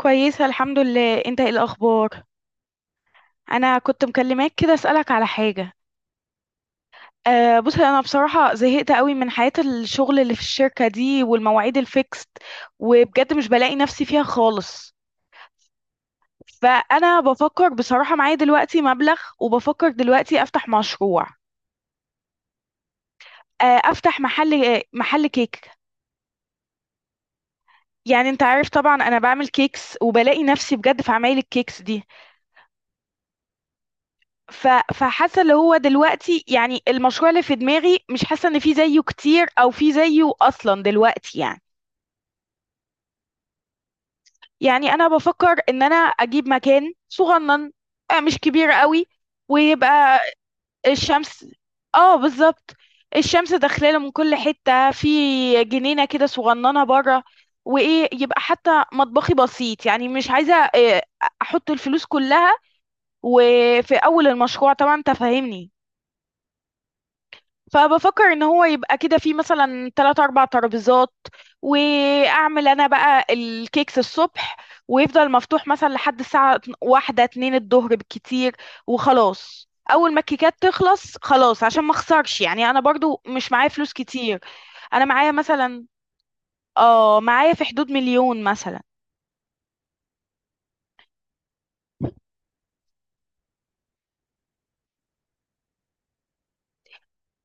كويسة الحمد لله، انت ايه الاخبار؟ انا كنت مكلماك كده اسألك على حاجة. أه بص، انا بصراحة زهقت قوي من حياة الشغل اللي في الشركة دي والمواعيد الفيكست، وبجد مش بلاقي نفسي فيها خالص. فانا بفكر بصراحة معايا دلوقتي مبلغ، وبفكر دلوقتي افتح مشروع. افتح محل كيك. يعني انت عارف طبعا انا بعمل كيكس، وبلاقي نفسي بجد في عمايل الكيكس دي. ف... فحاسه اللي هو دلوقتي يعني المشروع اللي في دماغي، مش حاسه ان في زيه كتير او في زيه اصلا دلوقتي يعني. يعني انا بفكر ان انا اجيب مكان صغنن، مش كبير قوي. ويبقى الشمس. اه بالظبط، الشمس داخلاله من كل حته، في جنينه كده صغننه بره. وايه، يبقى حتى مطبخي بسيط، يعني مش عايزه احط الفلوس كلها وفي اول المشروع، طبعا انت فاهمني. فبفكر ان هو يبقى كده في مثلا تلات اربع ترابيزات، واعمل انا بقى الكيكس الصبح، ويفضل مفتوح مثلا لحد الساعة واحدة اتنين الظهر بالكتير. وخلاص اول ما الكيكات تخلص خلاص، عشان ما اخسرش، يعني انا برضو مش معايا فلوس كتير. انا معايا مثلا، اه معايا في حدود مليون مثلا.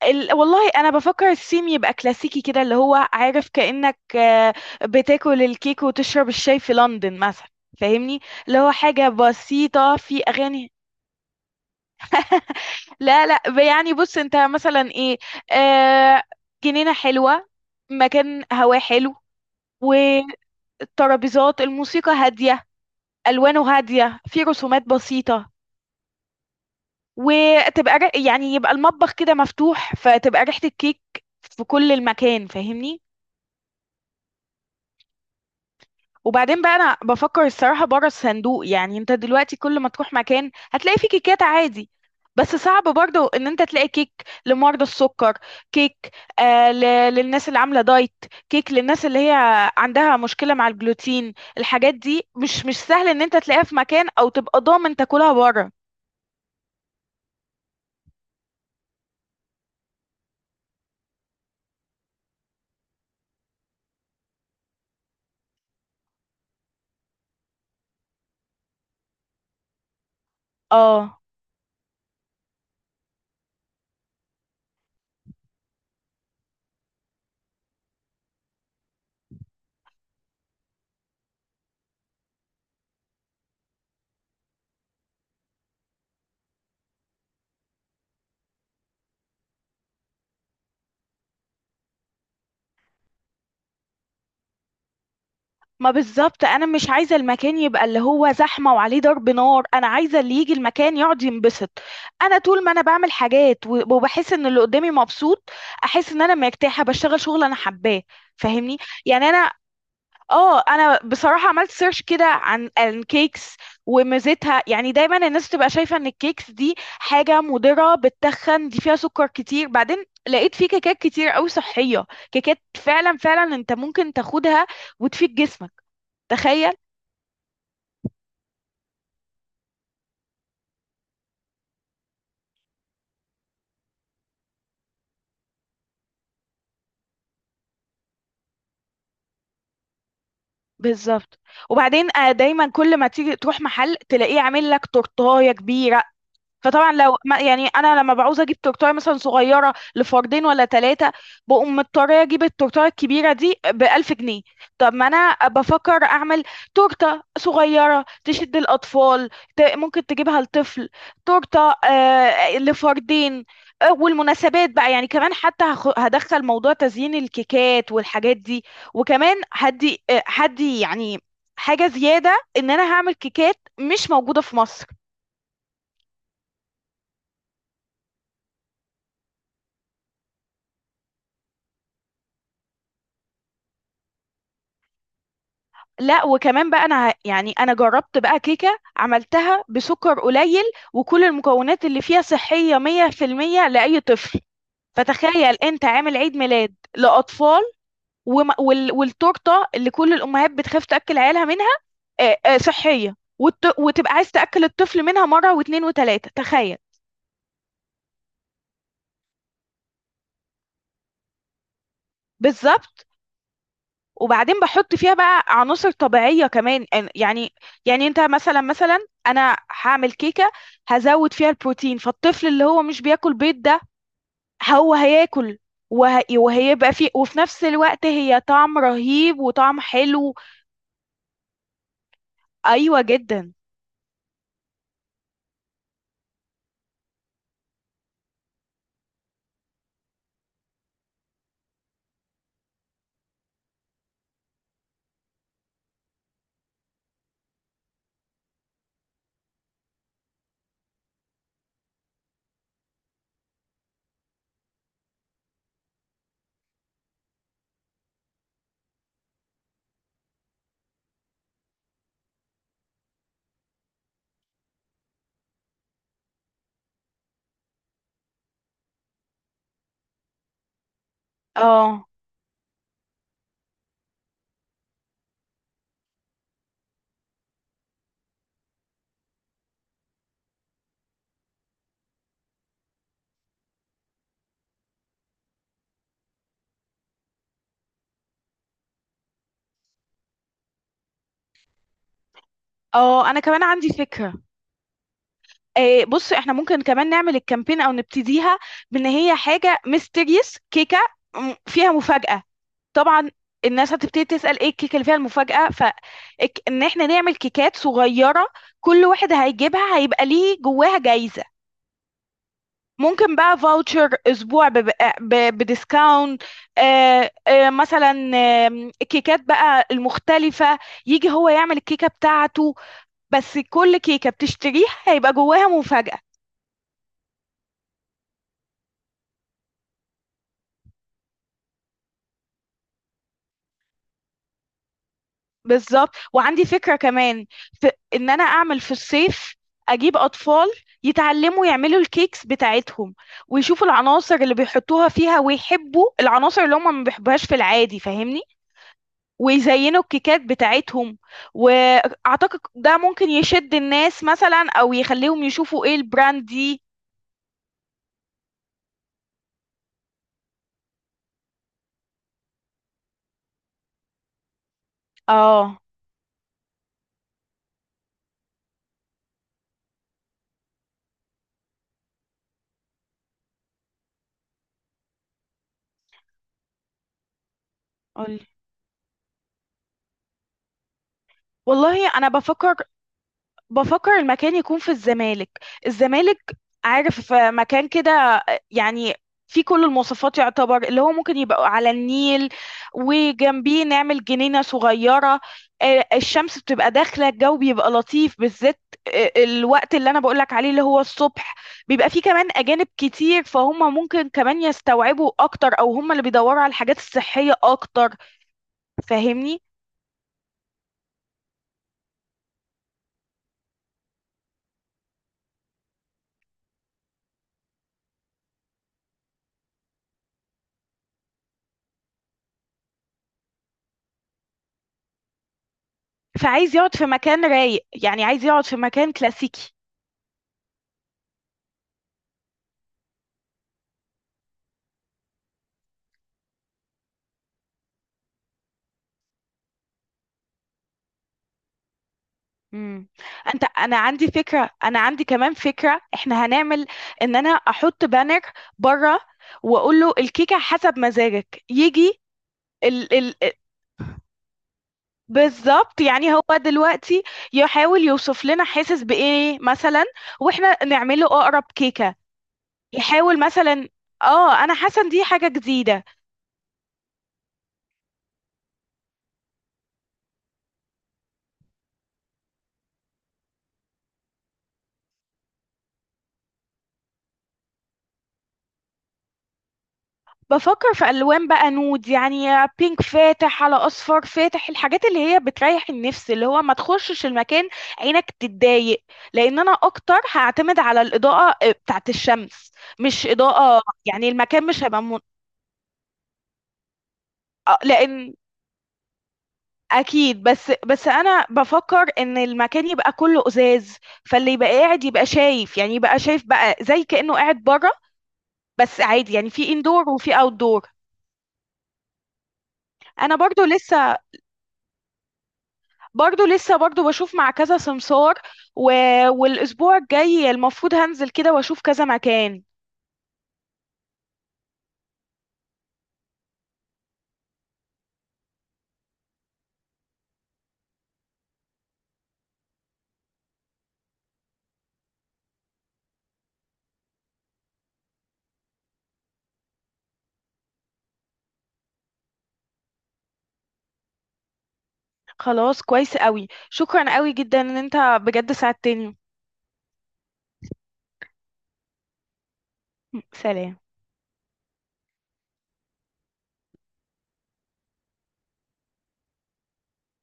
والله انا بفكر الثيم يبقى كلاسيكي كده، اللي هو عارف كأنك بتاكل الكيك وتشرب الشاي في لندن مثلا. فاهمني؟ اللي هو حاجة بسيطة في أغاني. لا لا، يعني بص انت مثلا ايه، آه جنينة حلوة، مكان هواه حلو. والترابيزات، الموسيقى هادية، ألوانه هادية، في رسومات بسيطة. يعني يبقى المطبخ كده مفتوح، فتبقى ريحة الكيك في كل المكان. فاهمني؟ وبعدين بقى انا بفكر الصراحه بره الصندوق، يعني انت دلوقتي كل ما تروح مكان هتلاقي فيه كيكات عادي. بس صعب برضه ان انت تلاقي كيك لمرضى السكر، كيك للناس اللي عامله دايت، كيك للناس اللي هي عندها مشكله مع الجلوتين. الحاجات دي مش سهل ان انت تلاقيها في مكان، او تبقى ضامن تاكلها بره. اه ما بالظبط، انا مش عايزه المكان يبقى اللي هو زحمه وعليه ضرب نار، انا عايزه اللي يجي المكان يقعد ينبسط. انا طول ما انا بعمل حاجات وبحس ان اللي قدامي مبسوط، احس ان انا مرتاحه، بشتغل شغل انا حباه. فاهمني؟ يعني انا، اه انا بصراحه عملت سيرش كده عن الكيكس وميزتها. يعني دايما الناس تبقى شايفه ان الكيكس دي حاجه مضره، بتتخن، دي فيها سكر كتير. بعدين لقيت في كيكات كتير قوي صحيه، كيكات فعلا فعلا انت ممكن تاخدها وتفيد جسمك. تخيل! بالظبط. وبعدين دايما كل ما تيجي تروح محل تلاقيه عامل لك تورتايه كبيره. فطبعا لو ما يعني انا لما بعوز اجيب تورتايه مثلا صغيره لفردين ولا ثلاثه، بقوم مضطره اجيب التورتايه الكبيره دي ب 1000 جنيه. طب ما انا بفكر اعمل تورته صغيره تشد الاطفال، ممكن تجيبها لطفل، تورته آه لفردين. والمناسبات بقى يعني كمان، حتى هدخل موضوع تزيين الكيكات والحاجات دي. وكمان هدي هدي يعني حاجه زياده، ان انا هعمل كيكات مش موجوده في مصر. لا وكمان بقى انا يعني انا جربت بقى كيكة عملتها بسكر قليل، وكل المكونات اللي فيها صحية 100% لأي طفل. فتخيل انت عامل عيد ميلاد لأطفال، والتورتة اللي كل الأمهات بتخاف تأكل عيالها منها، صحية وتبقى عايز تأكل الطفل منها مرة واتنين وتلاتة. تخيل! بالظبط. وبعدين بحط فيها بقى عناصر طبيعية كمان، يعني، يعني انت مثلا، انا هعمل كيكة هزود فيها البروتين، فالطفل اللي هو مش بياكل بيض ده، هو هياكل، وهيبقى فيه، وفي نفس الوقت هي طعم رهيب وطعم حلو. ايوه جدا. اه اه، انا كمان عندي فكرة. بص، احنا ممكن كمان نعمل الكامبين او نبتديها بان هي حاجة ميستيريس كيكة، فيها مفاجأة. طبعا الناس هتبتدي تسأل ايه الكيكة اللي فيها المفاجأة، فان احنا نعمل كيكات صغيرة كل واحد هيجيبها هيبقى ليه جواها جايزة. ممكن بقى فاوتشر اسبوع بديسكاونت. مثلا آه الكيكات بقى المختلفة، يجي هو يعمل الكيكة بتاعته، بس كل كيكة بتشتريها هيبقى جواها مفاجأة. بالظبط. وعندي فكرة كمان، في ان انا اعمل في الصيف اجيب اطفال يتعلموا يعملوا الكيكس بتاعتهم، ويشوفوا العناصر اللي بيحطوها فيها، ويحبوا العناصر اللي هم ما بيحبوهاش في العادي. فاهمني؟ ويزينوا الكيكات بتاعتهم. واعتقد ده ممكن يشد الناس مثلا، او يخليهم يشوفوا ايه البراند دي. اه قولي. والله انا بفكر، بفكر المكان يكون في الزمالك. الزمالك، عارف مكان كده، يعني في كل المواصفات، يعتبر اللي هو ممكن يبقى على النيل، وجنبيه نعمل جنينة صغيرة. الشمس بتبقى داخلة، الجو بيبقى لطيف، بالذات الوقت اللي أنا بقولك عليه اللي هو الصبح. بيبقى فيه كمان أجانب كتير، فهم ممكن كمان يستوعبوا أكتر، أو هم اللي بيدوروا على الحاجات الصحية أكتر. فاهمني؟ فعايز يقعد في مكان رايق، يعني عايز يقعد في مكان كلاسيكي. امم، انت انا عندي فكره، انا عندي كمان فكره، احنا هنعمل ان انا احط بانر بره، واقول له الكيكه حسب مزاجك يجي. ال ال، بالظبط. يعني هو دلوقتي يحاول يوصف لنا حاسس بايه مثلا، واحنا نعمله اقرب كيكه. يحاول مثلا، اه، انا حاسه إن دي حاجه جديده. بفكر في ألوان بقى نود يعني، بينك فاتح على أصفر فاتح، الحاجات اللي هي بتريح النفس، اللي هو ما تخشش المكان عينك تتضايق. لأن أنا أكتر هعتمد على الإضاءة بتاعت الشمس، مش إضاءة، يعني المكان مش هيبقى من... آه، لأن أكيد. بس أنا بفكر إن المكان يبقى كله إزاز، فاللي يبقى قاعد يبقى شايف، يعني يبقى شايف بقى زي كأنه قاعد بره، بس عادي يعني، في إندور وفي أوتدور. أنا برضو لسه، برضو بشوف مع كذا سمسار، و... والاسبوع الجاي المفروض هنزل كده واشوف كذا مكان. خلاص كويس قوي، شكرا قوي جدا ان انت بجد ساعدتني. سلام.